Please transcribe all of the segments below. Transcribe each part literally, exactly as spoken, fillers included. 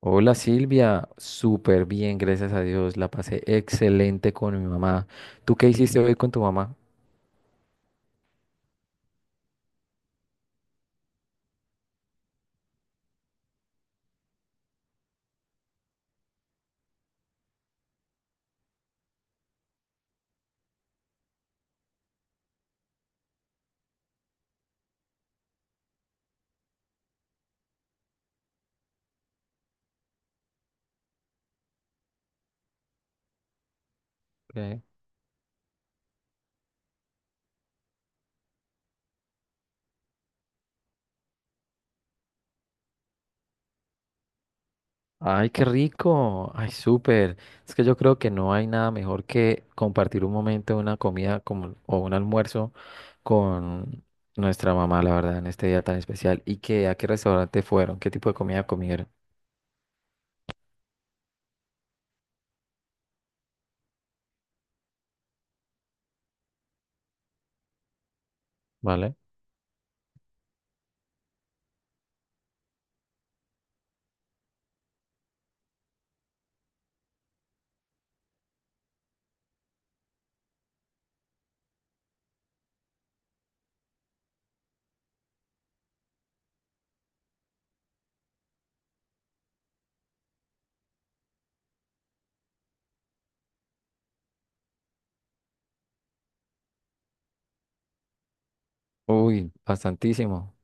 Hola Silvia, súper bien, gracias a Dios. La pasé excelente con mi mamá. ¿Tú qué hiciste hoy con tu mamá? ¿Qué? Ay, qué rico. Ay, súper. Es que yo creo que no hay nada mejor que compartir un momento, una comida como, o un almuerzo con nuestra mamá, la verdad, en este día tan especial. ¿Y qué, a qué restaurante fueron? ¿Qué tipo de comida comieron? ¿Vale? Uy, bastantísimo.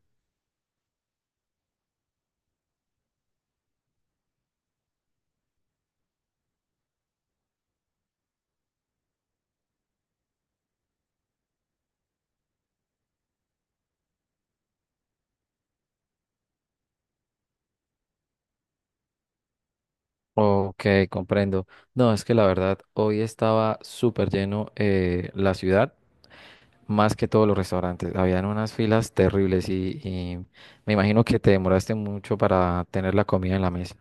Ok, comprendo. No, es que la verdad, hoy estaba súper lleno, eh, la ciudad, más que todos los restaurantes. Habían unas filas terribles y, y me imagino que te demoraste mucho para tener la comida en la mesa.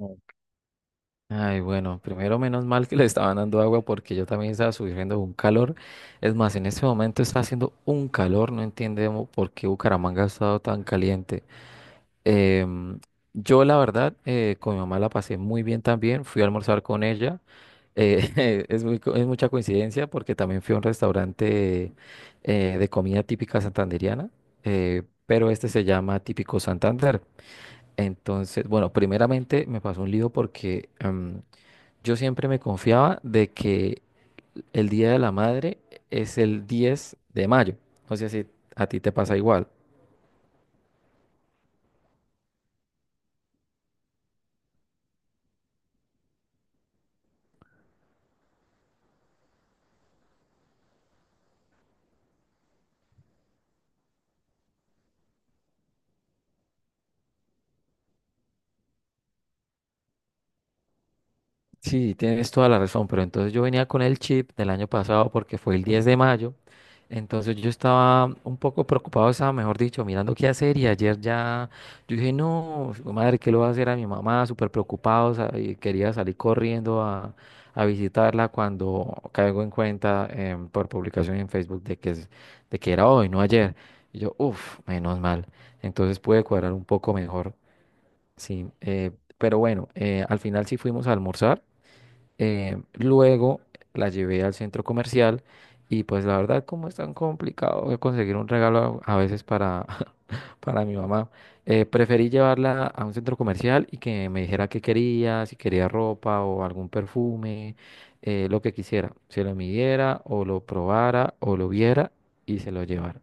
Mm. Ay, bueno, primero menos mal que le estaban dando agua porque yo también estaba sufriendo un calor. Es más, en este momento está haciendo un calor, no entiendo por qué Bucaramanga ha estado tan caliente. Em, yo la verdad, eh, con mi mamá la pasé muy bien también, fui a almorzar con ella. Eh, es muy co- es mucha coincidencia porque también fui a un restaurante eh, de comida típica santandereana, eh, pero este se llama Típico Santander. Entonces, bueno, primeramente me pasó un lío porque em, yo siempre me confiaba de que el Día de la Madre es el diez de mayo. No sé si a ti te pasa igual. Sí, tienes toda la razón, pero entonces yo venía con el chip del año pasado porque fue el diez de mayo, entonces yo estaba un poco preocupado, estaba, mejor dicho, mirando qué hacer y ayer ya, yo dije, no, su madre, ¿qué le voy a hacer a mi mamá? Súper preocupado, sa- y quería salir corriendo a, a visitarla cuando caigo en cuenta em, por publicación en Facebook de que, es- de que era hoy, no ayer. Y yo, uff, menos mal, entonces pude cuadrar un poco mejor, sí, eh, pero bueno, eh, al final sí fuimos a almorzar. Eh, luego la llevé al centro comercial y pues la verdad como es tan complicado conseguir un regalo a a veces para, para mi mamá, eh, preferí llevarla a un centro comercial y que me dijera qué quería, si quería ropa o algún perfume, eh, lo que quisiera, se lo midiera o lo probara o lo viera y se lo llevara.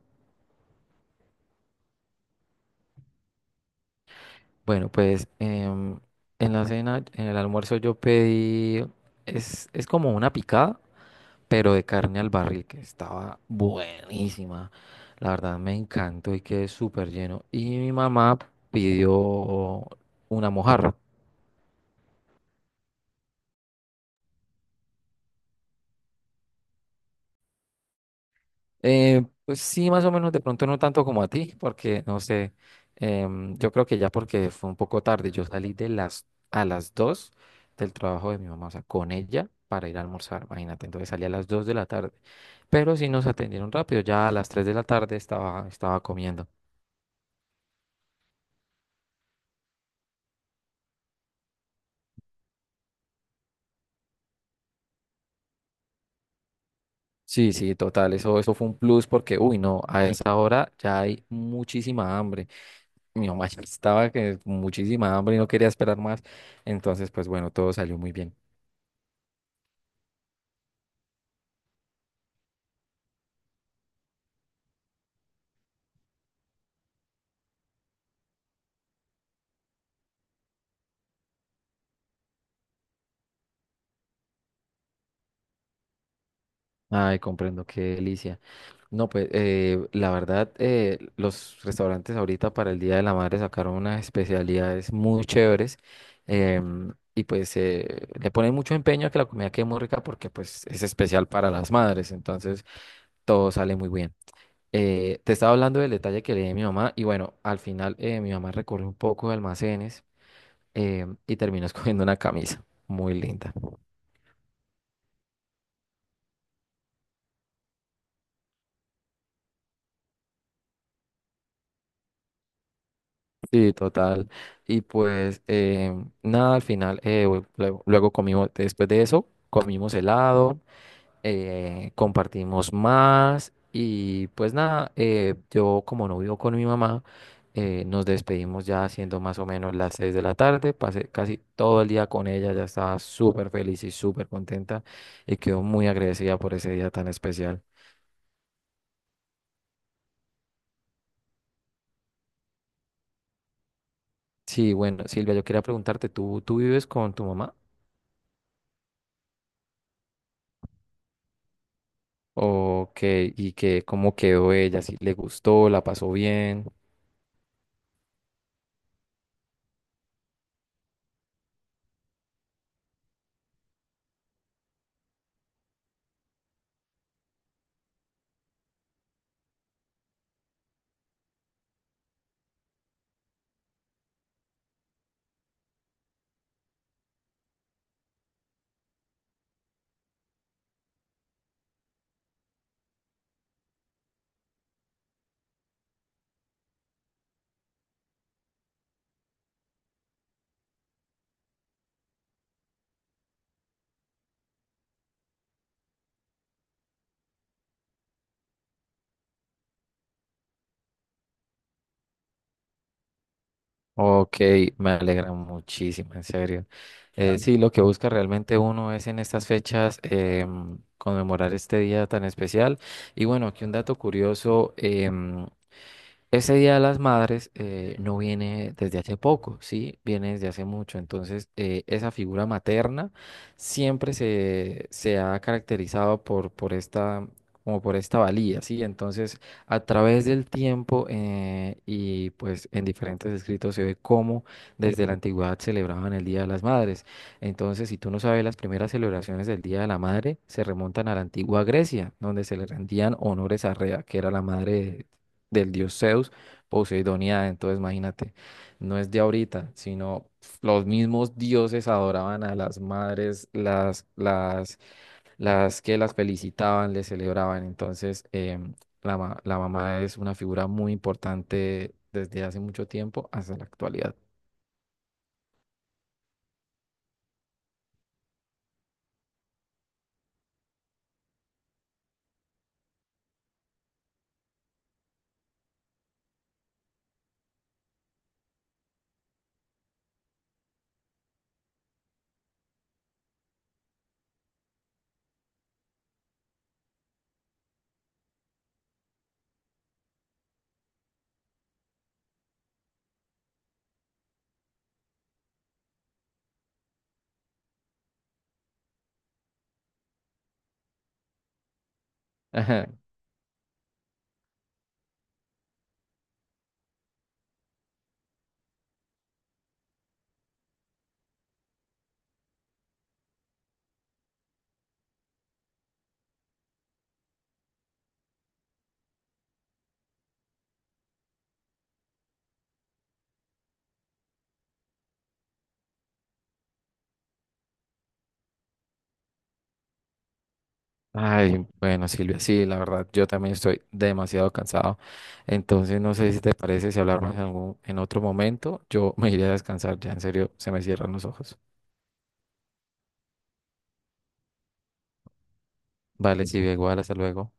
Bueno, pues em, en la cena, en el almuerzo yo pedí, es, es como una picada, pero de carne al barril, que estaba buenísima. La verdad me encantó y quedé súper lleno. Y mi mamá pidió una mojarra. Eh, pues sí, más o menos, de pronto no tanto como a ti, porque no sé, em, yo creo que ya porque fue un poco tarde, yo salí de las, a las dos del trabajo de mi mamá, o sea, con ella para ir a almorzar, imagínate, entonces salí a las dos de la tarde, pero sí nos atendieron rápido, ya a las tres de la tarde estaba, estaba comiendo. Sí, sí, total, eso, eso fue un plus porque, uy, no, a esa hora ya hay muchísima hambre. Mi mamá ya estaba que muchísima hambre y no quería esperar más. Entonces, pues bueno, todo salió muy bien. Ay, comprendo, qué delicia. No, pues eh, la verdad, eh, los restaurantes ahorita para el Día de la Madre sacaron unas especialidades muy chéveres em, y pues eh, le ponen mucho empeño a que la comida quede muy rica porque pues es especial para las madres, entonces todo sale muy bien. Eh, te estaba hablando del detalle que le di a mi mamá y bueno, al final eh, mi mamá recorrió un poco de almacenes eh, y terminó escogiendo una camisa muy linda. Sí, total. Y pues eh, nada, al final, eh, lue- luego, luego comimos, después de eso, comimos helado. Eh, compartimos más y pues nada, eh, yo como no vivo con mi mamá, eh, nos despedimos ya siendo más o menos las seis de la tarde, pasé casi todo el día con ella, ya estaba súper feliz y súper contenta y quedó muy agradecida por ese día tan especial. Sí, bueno, Silvia, yo quería preguntarte, ¿tú, tú vives con tu mamá? ¿O qué? ¿Y qué, cómo quedó ella? ¿Si le gustó? ¿La pasó bien? Ok, me alegra muchísimo, en serio. Eh, Claro. Sí, lo que busca realmente uno es en estas fechas em, conmemorar este día tan especial. Y bueno, aquí un dato curioso. Em, ese Día de las Madres, eh, no viene desde hace poco, sí, viene desde hace mucho. Entonces, eh, esa figura materna siempre se, se ha caracterizado por, por esta, como por esta valía, sí. Entonces, a través del tiempo, eh, y pues en diferentes escritos se ve cómo desde la antigüedad celebraban el Día de las Madres. Entonces, si tú no sabes, las primeras celebraciones del Día de la Madre se remontan a la antigua Grecia, donde se le rendían honores a Rea, que era la madre del dios Zeus, Poseidonía. Entonces, imagínate, no es de ahorita, sino los mismos dioses adoraban a las madres, las, las, las que las felicitaban, les celebraban. Entonces, em, la, ma- la mamá es una figura muy importante desde hace mucho tiempo hasta la actualidad. Ajá. Ay, bueno, Silvia, sí, la verdad, yo también estoy demasiado cansado. Entonces, no sé si te parece si hablamos en algún- en otro momento. Yo me iré a descansar, ya en serio, se me cierran los ojos. Vale, sí, igual, hasta luego.